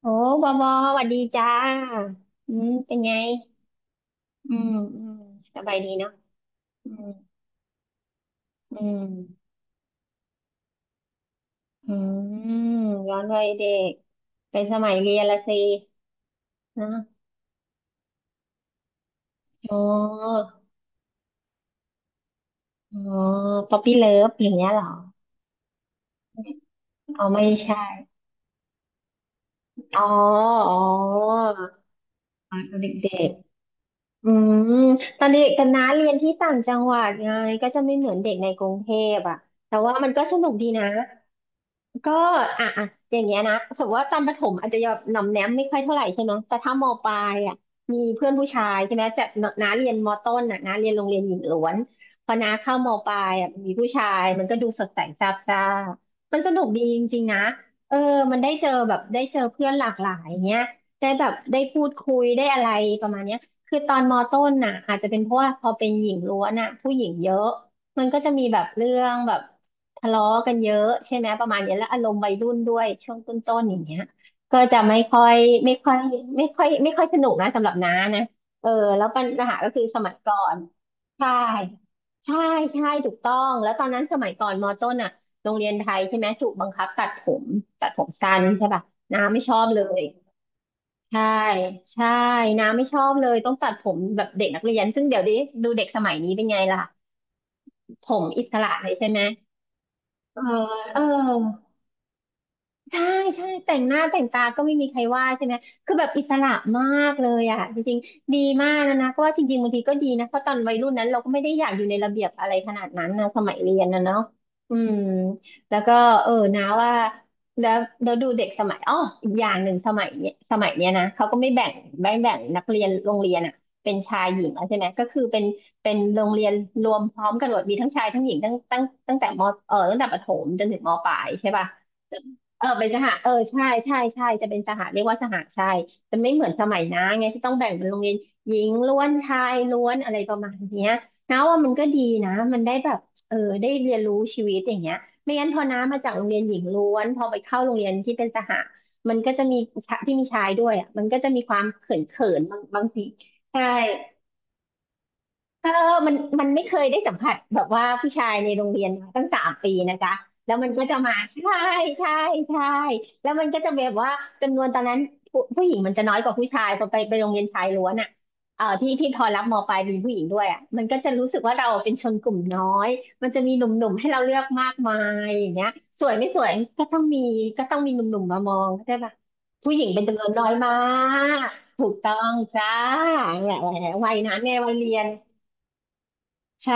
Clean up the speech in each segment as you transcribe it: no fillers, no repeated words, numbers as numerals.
โอ้บอบอสวัสดีจ้าอืมเป็นไงอืมอืมสบายดีเนาะอืมอืมอืมย้อนวัยเด็กเป็นสมัยเรียนละสินะอ๋ออ๋อป๊อปปี้เลิฟอย่างเงี้ยเหรอเอาไม่ใช่อ๋ออ๋อตอนเด็กๆอืมตอนเด็กกันนะเรียนที่ต่างจังหวัดไงก็จะไม่เหมือนเด็กในกรุงเทพอ่ะแต่ว่ามันก็สนุกดีนะ ก็อ่ะอ่ะอย่างเงี้ยนะสมมติว่าตอนประถมอาจจะแบบหน่อมแนมไม่ค่อยเท่าไหร่ใช่ไหมแต่ถ้ามปลายอ่ะมีเพื่อนผู้ชายใช่ไหมจตน้าเรียนมต้นอ่ะน้าเรียนโรงเรียนหญิงล้วนพอน้าเข้ามปลายอ่ะมีผู้ชายมันก็ดูสดใสซาบซ่ามันสนุกดีจริงๆนะเออมันได้เจอแบบได้เจอเพื่อนหลากหลายอย่างเงี้ยได้แบบได้พูดคุยได้อะไรประมาณเนี้ยคือตอนมต้นน่ะอาจจะเป็นเพราะว่าพอเป็นหญิงล้วนอ่ะผู้หญิงเยอะ มันก็จะมีแบบเรื่องแบบทะเลาะกันเยอะใช่ไหมประมาณเนี้ยแล้วอารมณ์วัยรุ่นด้วยช่วงต้นๆอย่างเงี้ยก็จะไม่ค่อยไม่ค่อยไม่ค่อยไม่ค่อยสนุกนะสำหรับน้านะเออแล้วปัญหาก็คือสมัยก่อนใช่ใช่ใช่ถูกต้องแล้วตอนนั้นสมัยก่อนมต้นอ่ะโรงเรียนไทยใช่ไหมถูกบังคับตัดผมตัดผมสั้นใช่ป่ะน้าไม่ชอบเลยใช่ใช่น้าไม่ชอบเลยต้องตัดผมแบบเด็กนักเรียนซึ่งเดี๋ยวนี้ดูเด็กสมัยนี้เป็นไงล่ะผมอิสระเลยใช่ไหม เออเออ ใช่ใช่แต่งหน้าแต่งตาก็ไม่มีใครว่าใช่ไหมคือแบบอิสระมากเลยอ่ะจริงๆดีมากนะนะเพราะว่าจริงๆบางทีก็ดีนะเพราะตอนวัยรุ่นนั้นเราก็ไม่ได้อยากอยู่ในระเบียบอะไรขนาดนั้นนะสมัยเรียนนะเนาะอืมแล้วก็เออนะว่าแล้วเราดูเด็กสมัยอ้ออีกอย่างหนึ่งสมัยเนี้ยสมัยเนี้ยนะเขาก็ไม่แบ่งนักเรียนโรงเรียนอ่ะเป็นชายหญิงแล้วใช่ไหมก็คือเป็นโรงเรียนรวมพร้อมกันหมดมีทั้งชายทั้งหญิงตั้งแต่มเออตั้งแต่ประถมจนถึงมปลายใช่ป่ะ เออเป็นสหะเออใช่ใช่ใช่จะเป็นสหะเรียกว่าสหะใช่จะไม่เหมือนสมัยนะไงที่ต้องแบ่งเป็นโรงเรียนหญิงล้วนชายล้วนอะไรประมาณเนี้ยนะว่ามันก็ดีนะมันได้แบบเออได้เรียนรู้ชีวิตอย่างเงี้ยไม่งั้นพอน้ามาจากโรงเรียนหญิงล้วนพอไปเข้าโรงเรียนที่เป็นสหะมันก็จะมีชะที่มีชายด้วยอ่ะมันก็จะมีความเขินเขินบางทีใช่ เออมันมันไม่เคยได้สัมผัสแบบว่าผู้ชายในโรงเรียนมาตั้ง3 ปีนะจ๊ะแล้วมันก็จะมาใช่ใช่ใช่แล้วมันก็จะแบบว่าจำนวนตอนนั้นผู้หญิงมันจะน้อยกว่าผู้ชายพอไปโรงเรียนชายล้วนอ่ะเออที่ที่พอรับมปลายเป็นผู้หญิงด้วยอ่ะมันก็จะรู้สึกว่าเราเป็นชนกลุ่มน้อยมันจะมีหนุ่มๆให้เราเลือกมากมายอย่างเงี้ยสวยไม่สวยก็ต้องมีก็ต้องมีหนุ่มๆมามองใช่ปะผู้หญิงเป็นจำนวนน้อยมากถูกต้องจ้าเนี่ยวัยนั้นเนี่ยวัยเรียน ใช่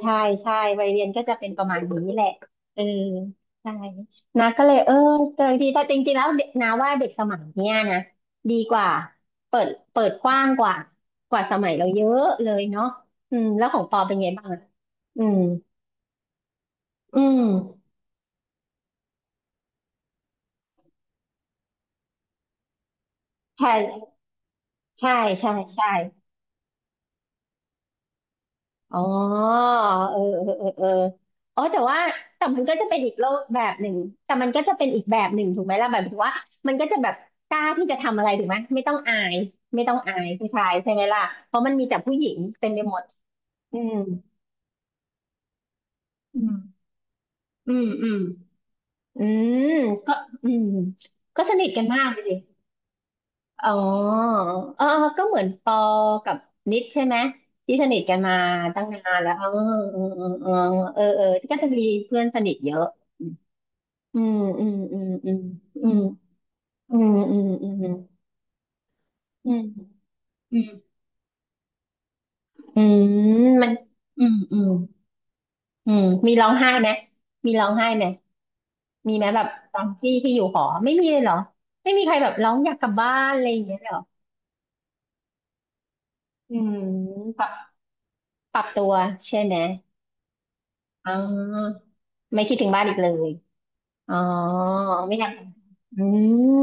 ใช่ใช่ วัยเรียนก็จะเป็นประมาณนี้แหละเออใช่นะก็เลยเออเจอดีแต่จริงๆแล้วเด็กนะว่าเด็กสมัยเนี้ยนะดีกว่าเปิดกว้างกว่าสมัยเราเยอะเลยเนาะอืมแล้วของปอเป็นไงบ้างอะอืมอืมใช่ใช่ใช่ใช่ อ๋อเออเออเออเอออ๋อแต่ว่าแต่มันก็จะเป็นอีกโลกแบบหนึ่งแต่มันก็จะเป็นอีกแบบหนึ่งถูกไหมล่ะแบบถึงว่ามันก็จะแบบกล้าที่จะทำอะไรถูกไหมไม่ต้องอาย ไม่ต้องอายผู้ชายใช่ไหมล่ะเพราะมันมีแต่ผู้หญิงเต็มไปหมดอืมอืมอืมอืมอืมก็อืมก็สนิทกันมากเลยดิอ๋อเออก็เหมือนปอกับนิดใช่ไหมที่สนิทกันมาตั้งนานแล้วอ๋อเออเออเออเออเออก็จะมีเพื่อนสนิทเยอะ อืมอืมอืมอืมอืมอืมอืมอืมอืมอืมอืมอืมมันอืมอืมอืมมีร้องไห้ไหมมีร้องไห้ไหมมีไหมแบบตอนที่อยู่หอไม่มีเลยเหรอไม่มีใครแบบร้องอยากกลับบ้านอะไรอย่างเงี้ยเหรออืมปรับปรับตัวใช่ไหมอ๋อไม่คิดถึงบ้านอีกเลย อ๋อไม่ทำอื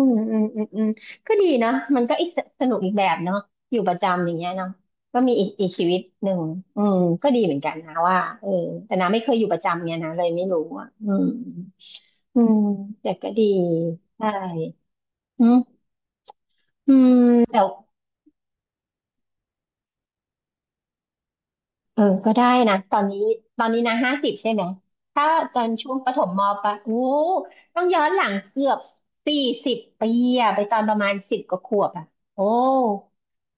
มอืมอืมอืมก็ดีนะมันก็อีกสนุกอีกแบบเนาะอยู่ประจำอย่างเงี้ยเนาะก็มีอีกอีกชีวิตหนึ่งอืมก็ดีเหมือนกันนะว่าเออแต่นาไม่เคยอยู่ประจำเนี่ยนะเลยไม่รู้อ่ะอืมอืมแต่ก็ดีใช่อืมอืมแต่ เออก็ได้นะตอนนี้ตอนนี้นะ50ใช่ไหม ถ้าตอนช่วงประถมมปลายอู้ ต้องย้อนหลังเกือบ40 ปีอะไปตอนประมาณ10 กว่าขวบอะโอ้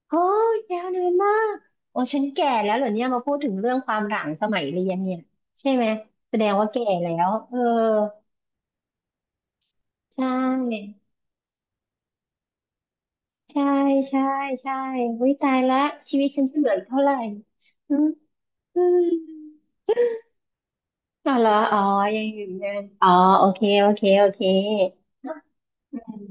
โหยยาวนานมาก โอ้ฉันแก่แล้วเหรอเนี่ยมาพูดถึงเรื่องความหลังสมัยเรียนเนี่ย ใช่ไหมแสดงว่าแก่แล้วเออใช่ใช่ใช่ใช่วิตายละชีวิตฉันจะเหลืออีกเท่าไหร่อืมอืม ก็เหรออ๋อยังอยู่เดินอ๋อโอเคโอเคโอเคอืม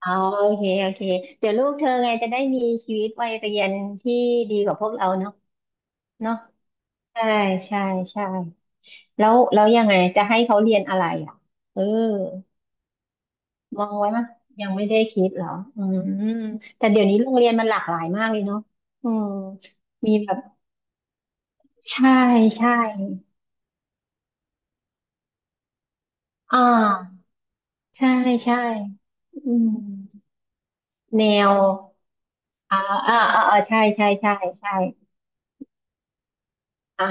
อ๋อโอเคโอเคเดี๋ยวลูกเธอไงจะได้มีชีวิตวัยเรียนที่ดีกว่าพวกเราเนาะเนาะใช่ใช่ใช่แล้วแล้วยังไงจะให้เขาเรียนอะไรอ่ะเออมองไว้มั้ยยังไม่ได้คิดเหรออืมแต่เดี๋ยวนี้โรงเรียนมันหลากหลายมากเลยเนาะอืมมีแบบใช่ใช่อ่าใช่ใช่อืมแนว อ่าอ่าอ่าอ่าใช่ใช่ใช่ใช่อ่า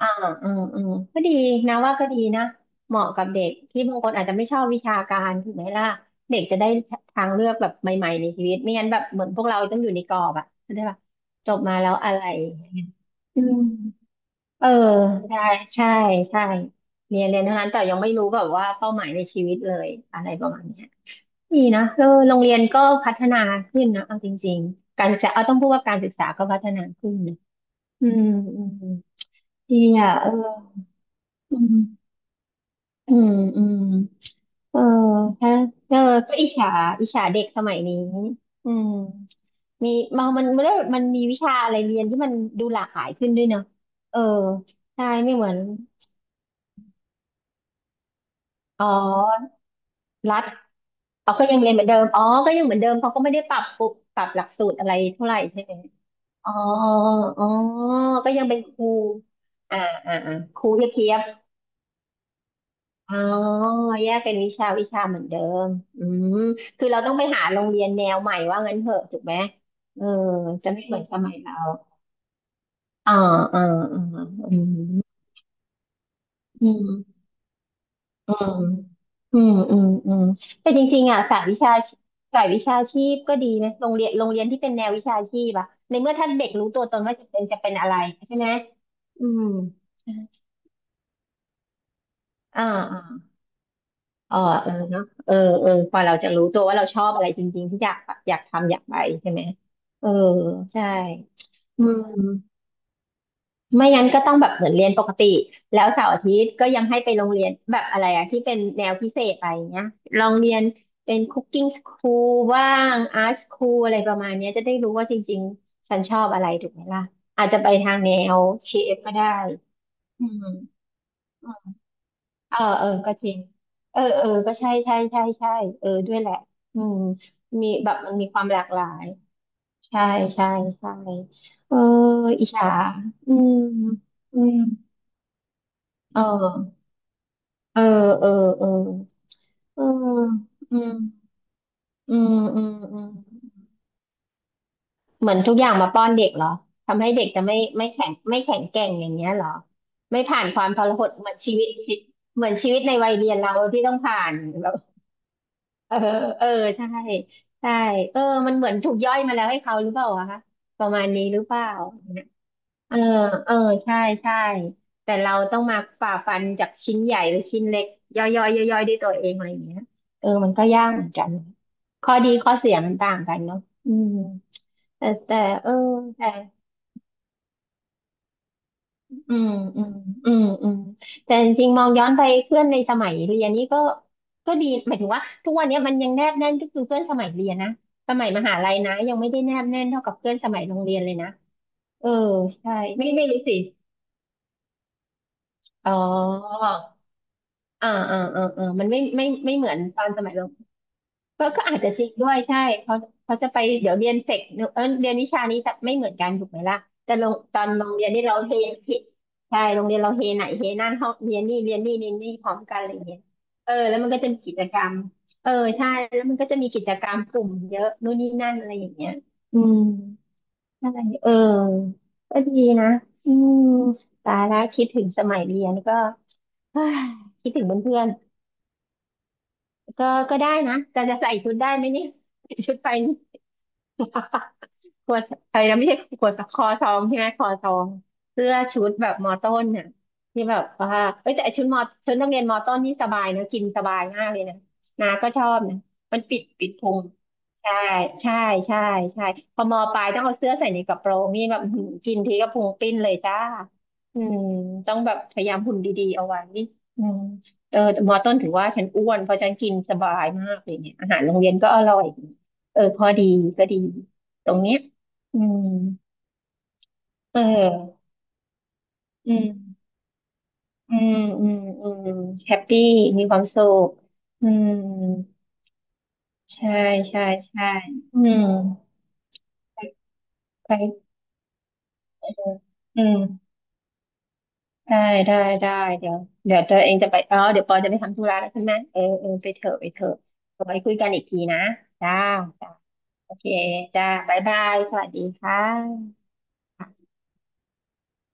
อ่าอืมอืมก็ดีนะว่าก็ดีนะเหมาะกับเด็กที่บางคนอาจจะไม่ชอบวิชาการถูกไหมล่ะเด็กจะได้ทางเลือกแบบใหม่ๆในชีวิตไม่งั้นแบบเหมือนพวกเราต้องอยู่ในกรอบอะเข้าใจปะจบมาแล้วอะไรอืมเออใช่ใช่ใช่เรียนเรียนเท่านั้นแต่ยังไม่รู้แบบว่าเป้าหมายในชีวิตเลยอะไรประมาณเนี้ยดีนะเออโรงเรียนก็พัฒนาขึ้นนะเอาจริงๆการศึกษาเอาต้องพูดว่าการศึกษาก็พัฒนาขึ้น อืมอืมดีอ่ะเอออืมอืมอืมเออถ้าเออก็อิจฉาอิจฉาเด็กสมัยนี้อืมมีมันมันมีวิชาอะไรเรียนที่มันดูหลากหลายขึ้นด้วยเนาะเออใช่ไม่เหมือนอ๋อรัฐอ๋อก็ยังเรียนเหมือนเดิมอ๋อก็ยังเหมือนเดิมเขาก็ไม่ได้ปรับปรุบปรับหลักสูตรอะไรเท่าไหร่ใช่ไหมอ๋ออ๋อก็ยังเป็นครูอ่าอ่าอ่าครูเพียบ อ๋อแยกเป็นวิชาวิชาเหมือนเดิมอืมคือเราต้องไปหาโรงเรียนแนวใหม่ว่างั้นเถอะถูกไหมเออจะไม่เหมือนสมัยเราอ่าอ่าอ่าอืมอืมอืมอืมอืมอืมแต่จริงๆอ่ะสายวิชาสายวิชาชีพก็ดีนะโรงเรียนโรงเรียนที่เป็นแนววิชาชีพอะในเมื่อถ้าเด็กรู้ตัวตนว่าจะเป็นอะไรใช่ไหมอืมอ่า เออเออเนาะเออเออพอเราจะรู้ตัวว่าเราชอบอะไรจริงๆที่อยากอยากทำอยากไปใช่ไหมเออใช่อืมไม่งั้นก็ต้องแบบเหมือนเรียนปกติแล้วเสาร์อาทิตย์ก็ยังให้ไปโรงเรียนแบบอะไรอะที่เป็นแนวพิเศษอะไรเงี้ยลองเรียนเป็นคุกกิ้งสคูลว่างอาร์ตสคูลอะไรประมาณเนี้ยจะได้รู้ว่าจริงๆฉันชอบอะไรถูกไหมล่ะอาจจะไปทางแนวเชฟก็ได้อืม เออเออก็จริงเออเออก็ใช่ใช่ใช่ใช่เออด้วยแหละอืมมีแบบมันมีความหลากหลายใช่ใช่ใช่เอออิจฉาอืมอืมเออเออเออเออเอออืมอืมอืมอืมเหมือนทุกอย่างมาป้อนเด็กเหรอทำให้เด็กจะไม่ไม่แข็งไม่แข็งแกร่งอย่างเงี้ยเหรอไม่ผ่านความทรหดเหมือนชีวิตเหมือนชีวิตในวัยเรียนเราที่ต้องผ่าน เออเออใช่ใช่เออมันเหมือนถูกย่อยมาแล้วให้เขาหรือเปล่าอะคะประมาณนี้หรือเปล่าเนี่ยเออเออใช่ใช่แต่เราต้องมาฝ่าฟันจากชิ้นใหญ่หรือชิ้นเล็กย่อยย่อยย่อยย่อยด้วยตัวเองอะไรอย่างเงี้ยเออมันก็ยากเหมือนกันข้อดีข้อเสียมันต่างกันเนาะอืมแต่แต่เออแต่ อืมอืมอืมอืมแต่จริงๆมองย้อนไปเพื่อนในสมัยเรียนนี่ก็ก็ดีหมายถึงว่าทุกวันนี้มันยังแนบแน่นก็คือเพื่อนสมัยเรียนนะสมัยมหาลัยนะยังไม่ได้แนบแน่นเท่ากับเพื่อนสมัยโรงเรียนเลยนะเออใช่ไม่รู้สิอ๋ออ่าอ่าอ่าอ่ามันไม่เหมือนตอนสมัย ก็อาจจะจริงด้วยใช่เขาเขาจะไปเดี๋ยวเรียนเสกเออเรียนวิชานี้จะไม่เหมือนกันถูกไหมล่ะแต่โรงตอนโรงเรียนนี่เราเฮผิดใช่โรงเรียนเราเฮไหนเฮนั่นห้องเรียนนี่เรียนนี่เรียนนี่พร้อมกันอะไรอย่างเงี้ยเออแล้วมันก็จะมีกิจกรรมเออใช่แล้วมันก็จะมีกิจกรรมกลุ่มเยอะนู่นนี่นั่นอะไรอย่างเงี้ยอืมอะไรเออก็ดีนะอืมตายแล้วคิดถึงสมัยเรียนก็ เฮ้ยคิดถึงเพื่อนๆก็ก็ได้นะแต่จะใส่ชุดได้ไหมเนี่ยชุดไป ฮ่าฮ่า ขวดอะไรนะไม่ใช่ขวคอซองใช่ไหมคอซองเสื้อชุดแบบมอต้นน่ะที่แบบว่าเอ้ยแต่ไอ้ชุดมอชุดนักเรียนมอต้นนี่สบายนะกินสบายมากเลยนะนาก็ชอบนะมันปิดพุงใช่ใช่ใช่ใช่พอมอปลายต้องเอาเสื้อใส่ในกระโปรงนี่แบบ อื้อหือกินทีก็พุงปิ้นเลยจ้าอืมต้องแบบพยายามหุ่นดีๆเอาไว้อืมเออแต่มอต้นถึงว่าฉันอ้วนเพราะฉันกินสบายมากเลยเนี่ยอาหารโรงเรียนก็อร่อยเออพอดีก็ดีตรงเนี้ย อืมเอออืมอืมอืมอืมแฮปปี้มีความสุขอืมใช่ใช่ใช่อืมไปเจออืมได้ได้ได้ เดี๋ยวเดี๋ยวตัวเองจะไปอ๋อเดี๋ยวปอจะไปทำธุระแล้วใช่ไหม เออเออไปเถอะไปเถอะเอาไว้คุยกันอีกทีนะจ้าจ้าโอเคจ้าบ๊ายบาย สวัสดีค่ะ